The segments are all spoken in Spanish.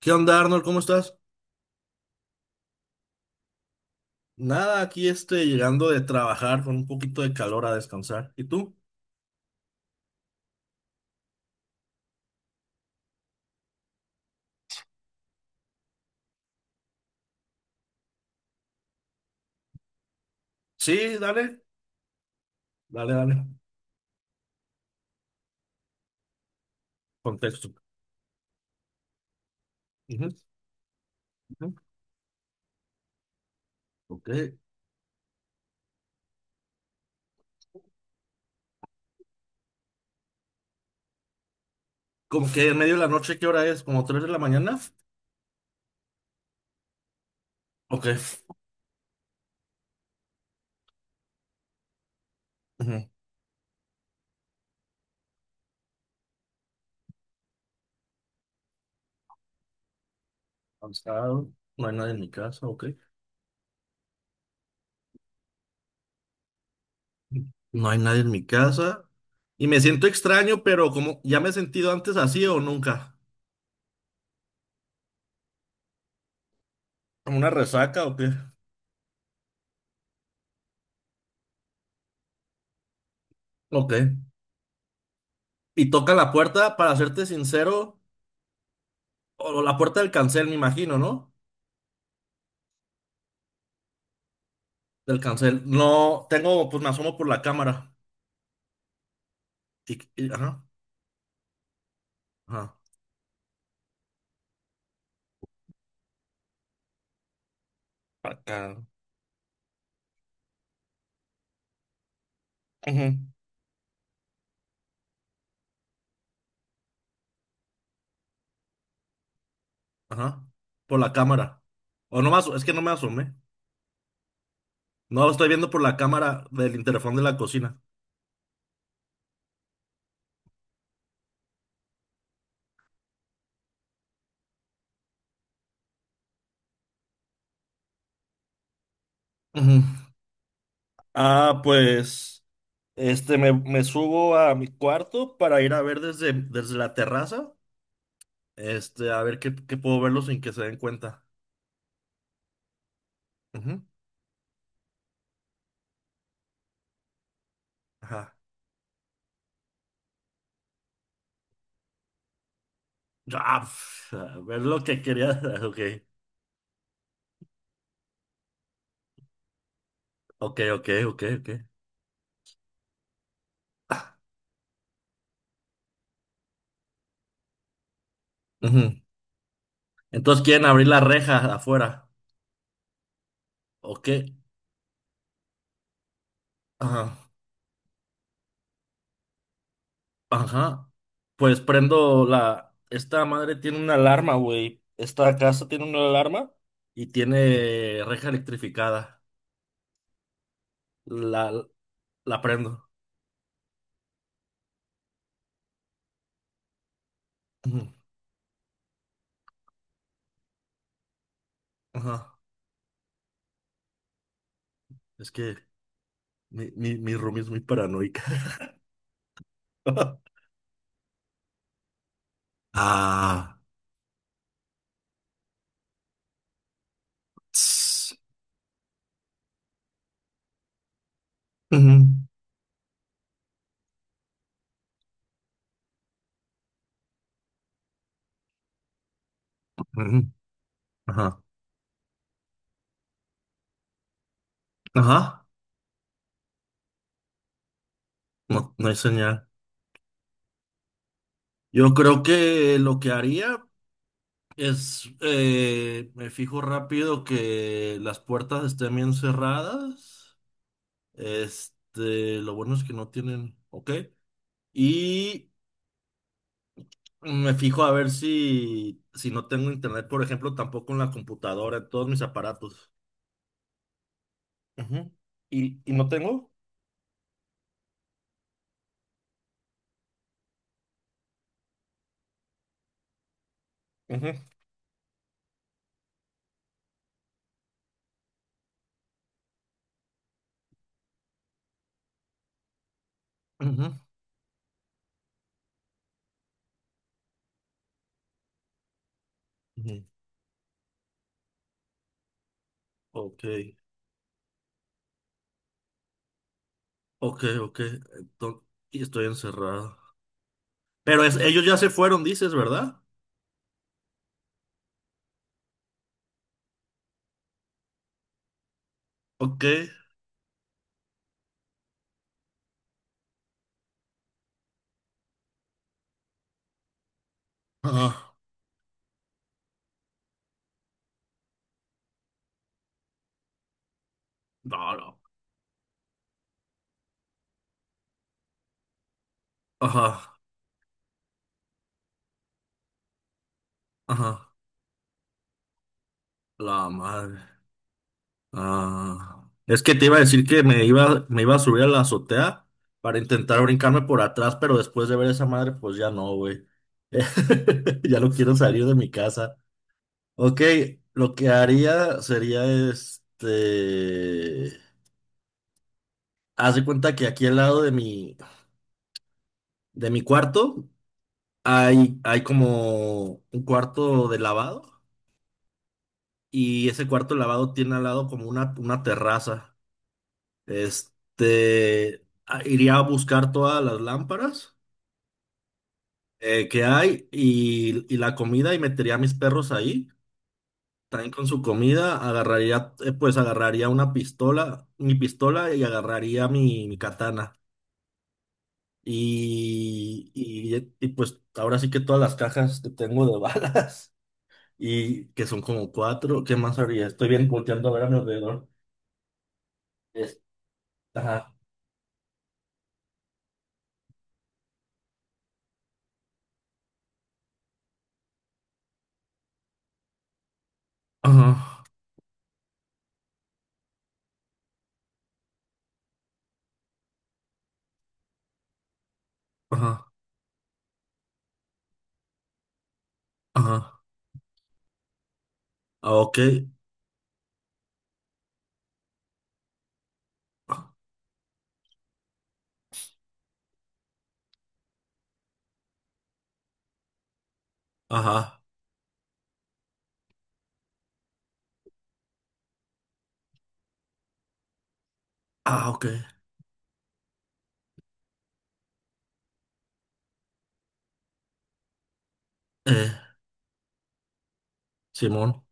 ¿Qué onda, Arnold? ¿Cómo estás? Nada, aquí llegando de trabajar con un poquito de calor a descansar. ¿Y tú? Sí, dale, dale, dale. Contexto. Ujú, ujú. Ok. ¿Como que en medio de la noche qué hora es? ¿Como 3 de la mañana? Ok. Ujú. Cansado. No hay nadie en mi casa, ok. No hay nadie en mi casa. Y me siento extraño, pero como ya me he sentido antes así o nunca. ¿Como una resaca o qué? Ok. Y toca la puerta, para serte sincero, o la puerta del cancel, me imagino, ¿no? Del cancel. No, tengo, pues me asomo por la cámara. Tic, ajá, ajá. Acá. Ujú. Ajá. Por la cámara. O no me aso- es que no me asomé. No, lo estoy viendo por la cámara del interfón de la cocina. Ujú. Ah, pues, me subo a mi cuarto para ir a ver desde, la terraza, a ver qué puedo verlo sin que se den cuenta. Ujú. Ajá. Ah, pf, a ver lo que quería. Ok, ok, ok, ok, ok. Entonces quieren abrir la reja de afuera. ¿O qué? Ajá. Ajá. Pues prendo la. Esta madre tiene una alarma, güey. Esta casa tiene una alarma y tiene reja electrificada. La, la prendo. Ujú. Ajá. Es que mi roomie es muy paranoica. Ah. Tss. Ujú. Ujú. Ajá. Ajá. No, no hay señal. Yo creo que lo que haría. Es, me fijo rápido que las puertas estén bien cerradas. Lo bueno es que no tienen, ok. Y me fijo a ver si no tengo internet, por ejemplo, tampoco en la computadora, en todos mis aparatos. Ujú. ¿Y no tengo? Ujú, ujú, ujú. Ok, ok, ok. Y estoy encerrado. Pero ellos ya se fueron, dices, ¿verdad? Ok. Ajá. No, no. Ajá, ajá. La madre. Ah, es que te iba a decir que me iba a subir a la azotea para intentar brincarme por atrás, pero después de ver esa madre, pues ya no, güey. Ya no quiero salir de mi casa. Ok, lo que haría sería. Haz de cuenta que aquí al lado de mi cuarto hay como un cuarto de lavado y ese cuarto de lavado tiene al lado como una terraza. Iría a buscar todas las lámparas que hay y la comida y metería a mis perros ahí. También con su comida agarraría, pues agarraría una pistola, mi pistola y agarraría mi katana. Y, pues ahora sí que todas las cajas que tengo de balas y que son como cuatro, ¿qué más haría? Estoy bien volteando a ver a mi alrededor. Es- Ajá, ajá, ajá, ajá. Ah, ok, ajá. Ah, ok. Eh, Simón.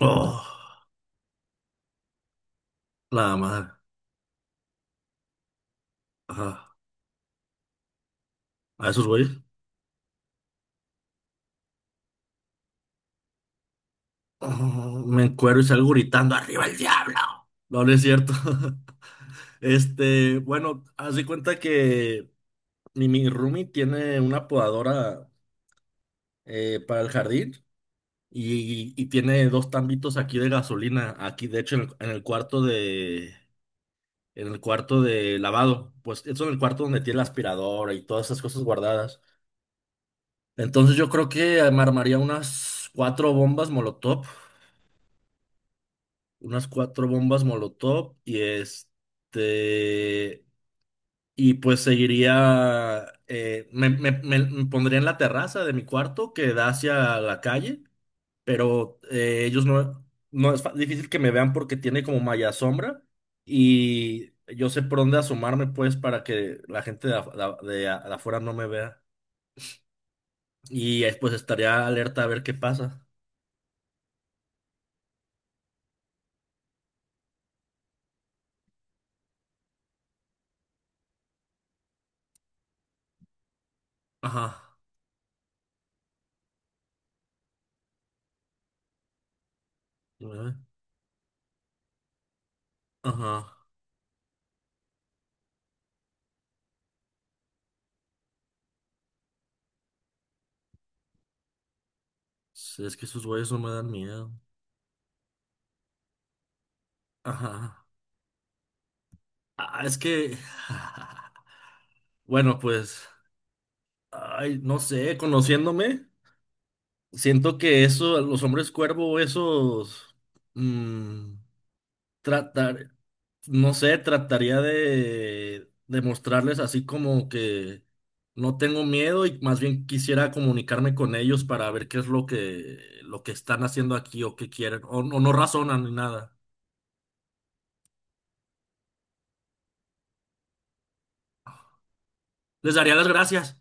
Oh, la madre. Ajá. A esos güeyes. Oh, me encuero y salgo gritando, ¡arriba el diablo! No, no es cierto. Bueno, haz de cuenta que mi roomie tiene una podadora para el jardín y tiene dos tambitos aquí de gasolina. Aquí, de hecho, en el cuarto de. En el cuarto de lavado, pues eso en el cuarto donde tiene la aspiradora y todas esas cosas guardadas. Entonces yo creo que armaría unas cuatro bombas Molotov, unas cuatro bombas Molotov y pues seguiría, me pondría en la terraza de mi cuarto que da hacia la calle, pero ellos no es difícil que me vean porque tiene como malla sombra y yo sé por dónde asomarme pues para que la gente de, af- de a- de a- de afuera no me vea y pues estaría alerta a ver qué pasa. Ajá. Ajá. Sí, es que esos güeyes no me dan miedo. Ajá. Ah, es que. Bueno, pues. Ay, no sé, conociéndome, siento que eso, los hombres cuervo, esos. mm, tratar. No sé, trataría de mostrarles así como que. No tengo miedo y más bien quisiera comunicarme con ellos para ver qué es lo que están haciendo aquí o qué quieren. O no razonan ni nada. Les daría las gracias.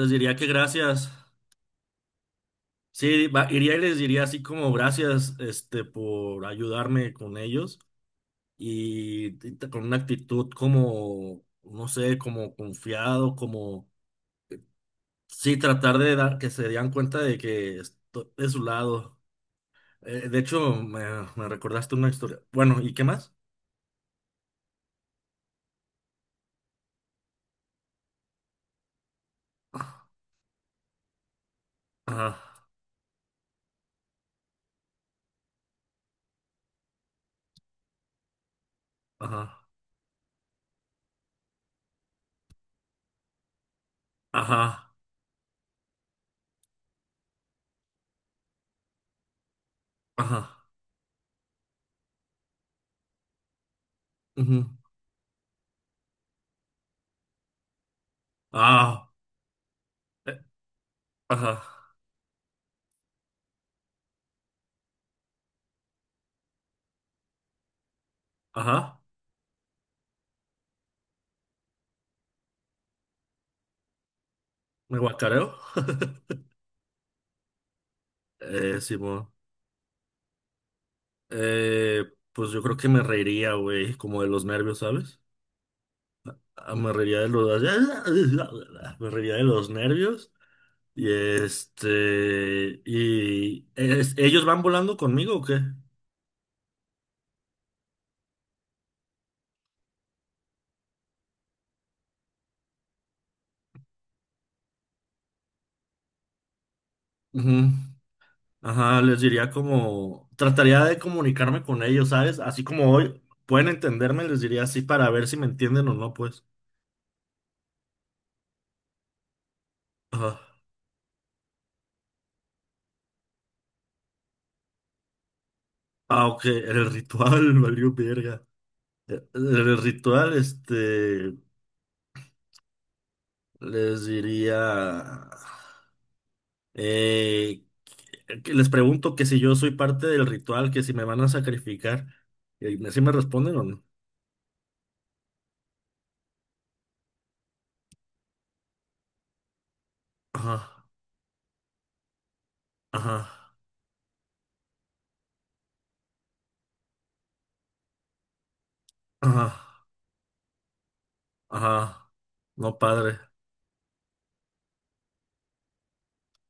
Les diría que gracias. Sí, iría y les diría así como gracias, por ayudarme con ellos y, y con una actitud como, no sé, como confiado, como, sí, tratar de dar, que se dieran cuenta de que estoy de su lado. De hecho, me recordaste una historia. Bueno, ¿y qué más? Ajá, ajá, ajá, ajá, ujú, ah, eh, ajá, ajá, me guacareo. Simón. Eh, pues yo creo que me reiría, güey, como de los nervios, ¿sabes? Ah, me reiría de los. Me reiría de los nervios. ¿Ellos van volando conmigo o qué? Ujú. Ajá, les diría como. Trataría de comunicarme con ellos, ¿sabes? Así como hoy pueden entenderme, les diría así para ver si me entienden o no, pues. Ajá. Ah, ok, el ritual, valió verga. El ritual. Les diría. Eh, que les pregunto que si yo soy parte del ritual, que si me van a sacrificar. ¿Y así me responden o no? Ajá, ajá, ajá, ajá. No, padre.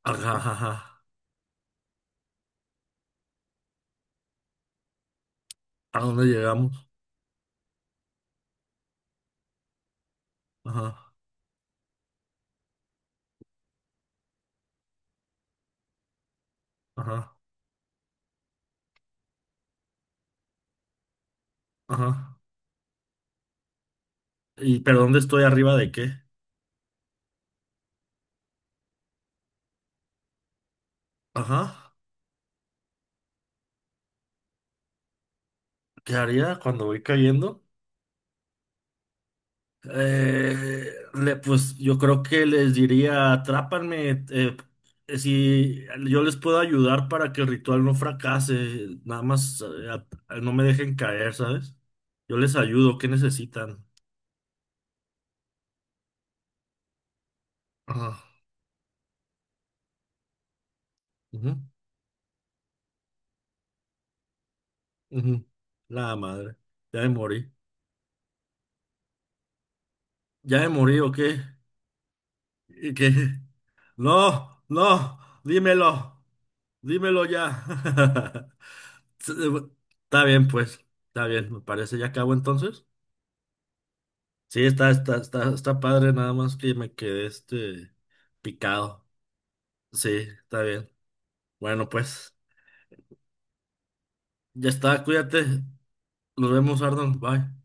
Ajá, ajá, ajá. ¿A dónde llegamos? Ajá, ajá, ajá. ¿Y pero dónde estoy arriba de qué? Ajá. ¿Qué haría cuando voy cayendo? Pues yo creo que les diría, atrápanme, si yo les puedo ayudar para que el ritual no fracase, nada más no me dejen caer, ¿sabes? Yo les ayudo, ¿qué necesitan? Ajá. Ujú, ujú. La madre, ya me morí. ¿Ya me morí o qué? ¿Y qué? No, no, dímelo, dímelo ya. Está bien, pues, está bien, me parece, ya acabo entonces. Sí, está padre, nada más que me quedé picado. Sí, está bien. Bueno, pues, ya está, cuídate. Nos vemos, Arnold. Bye.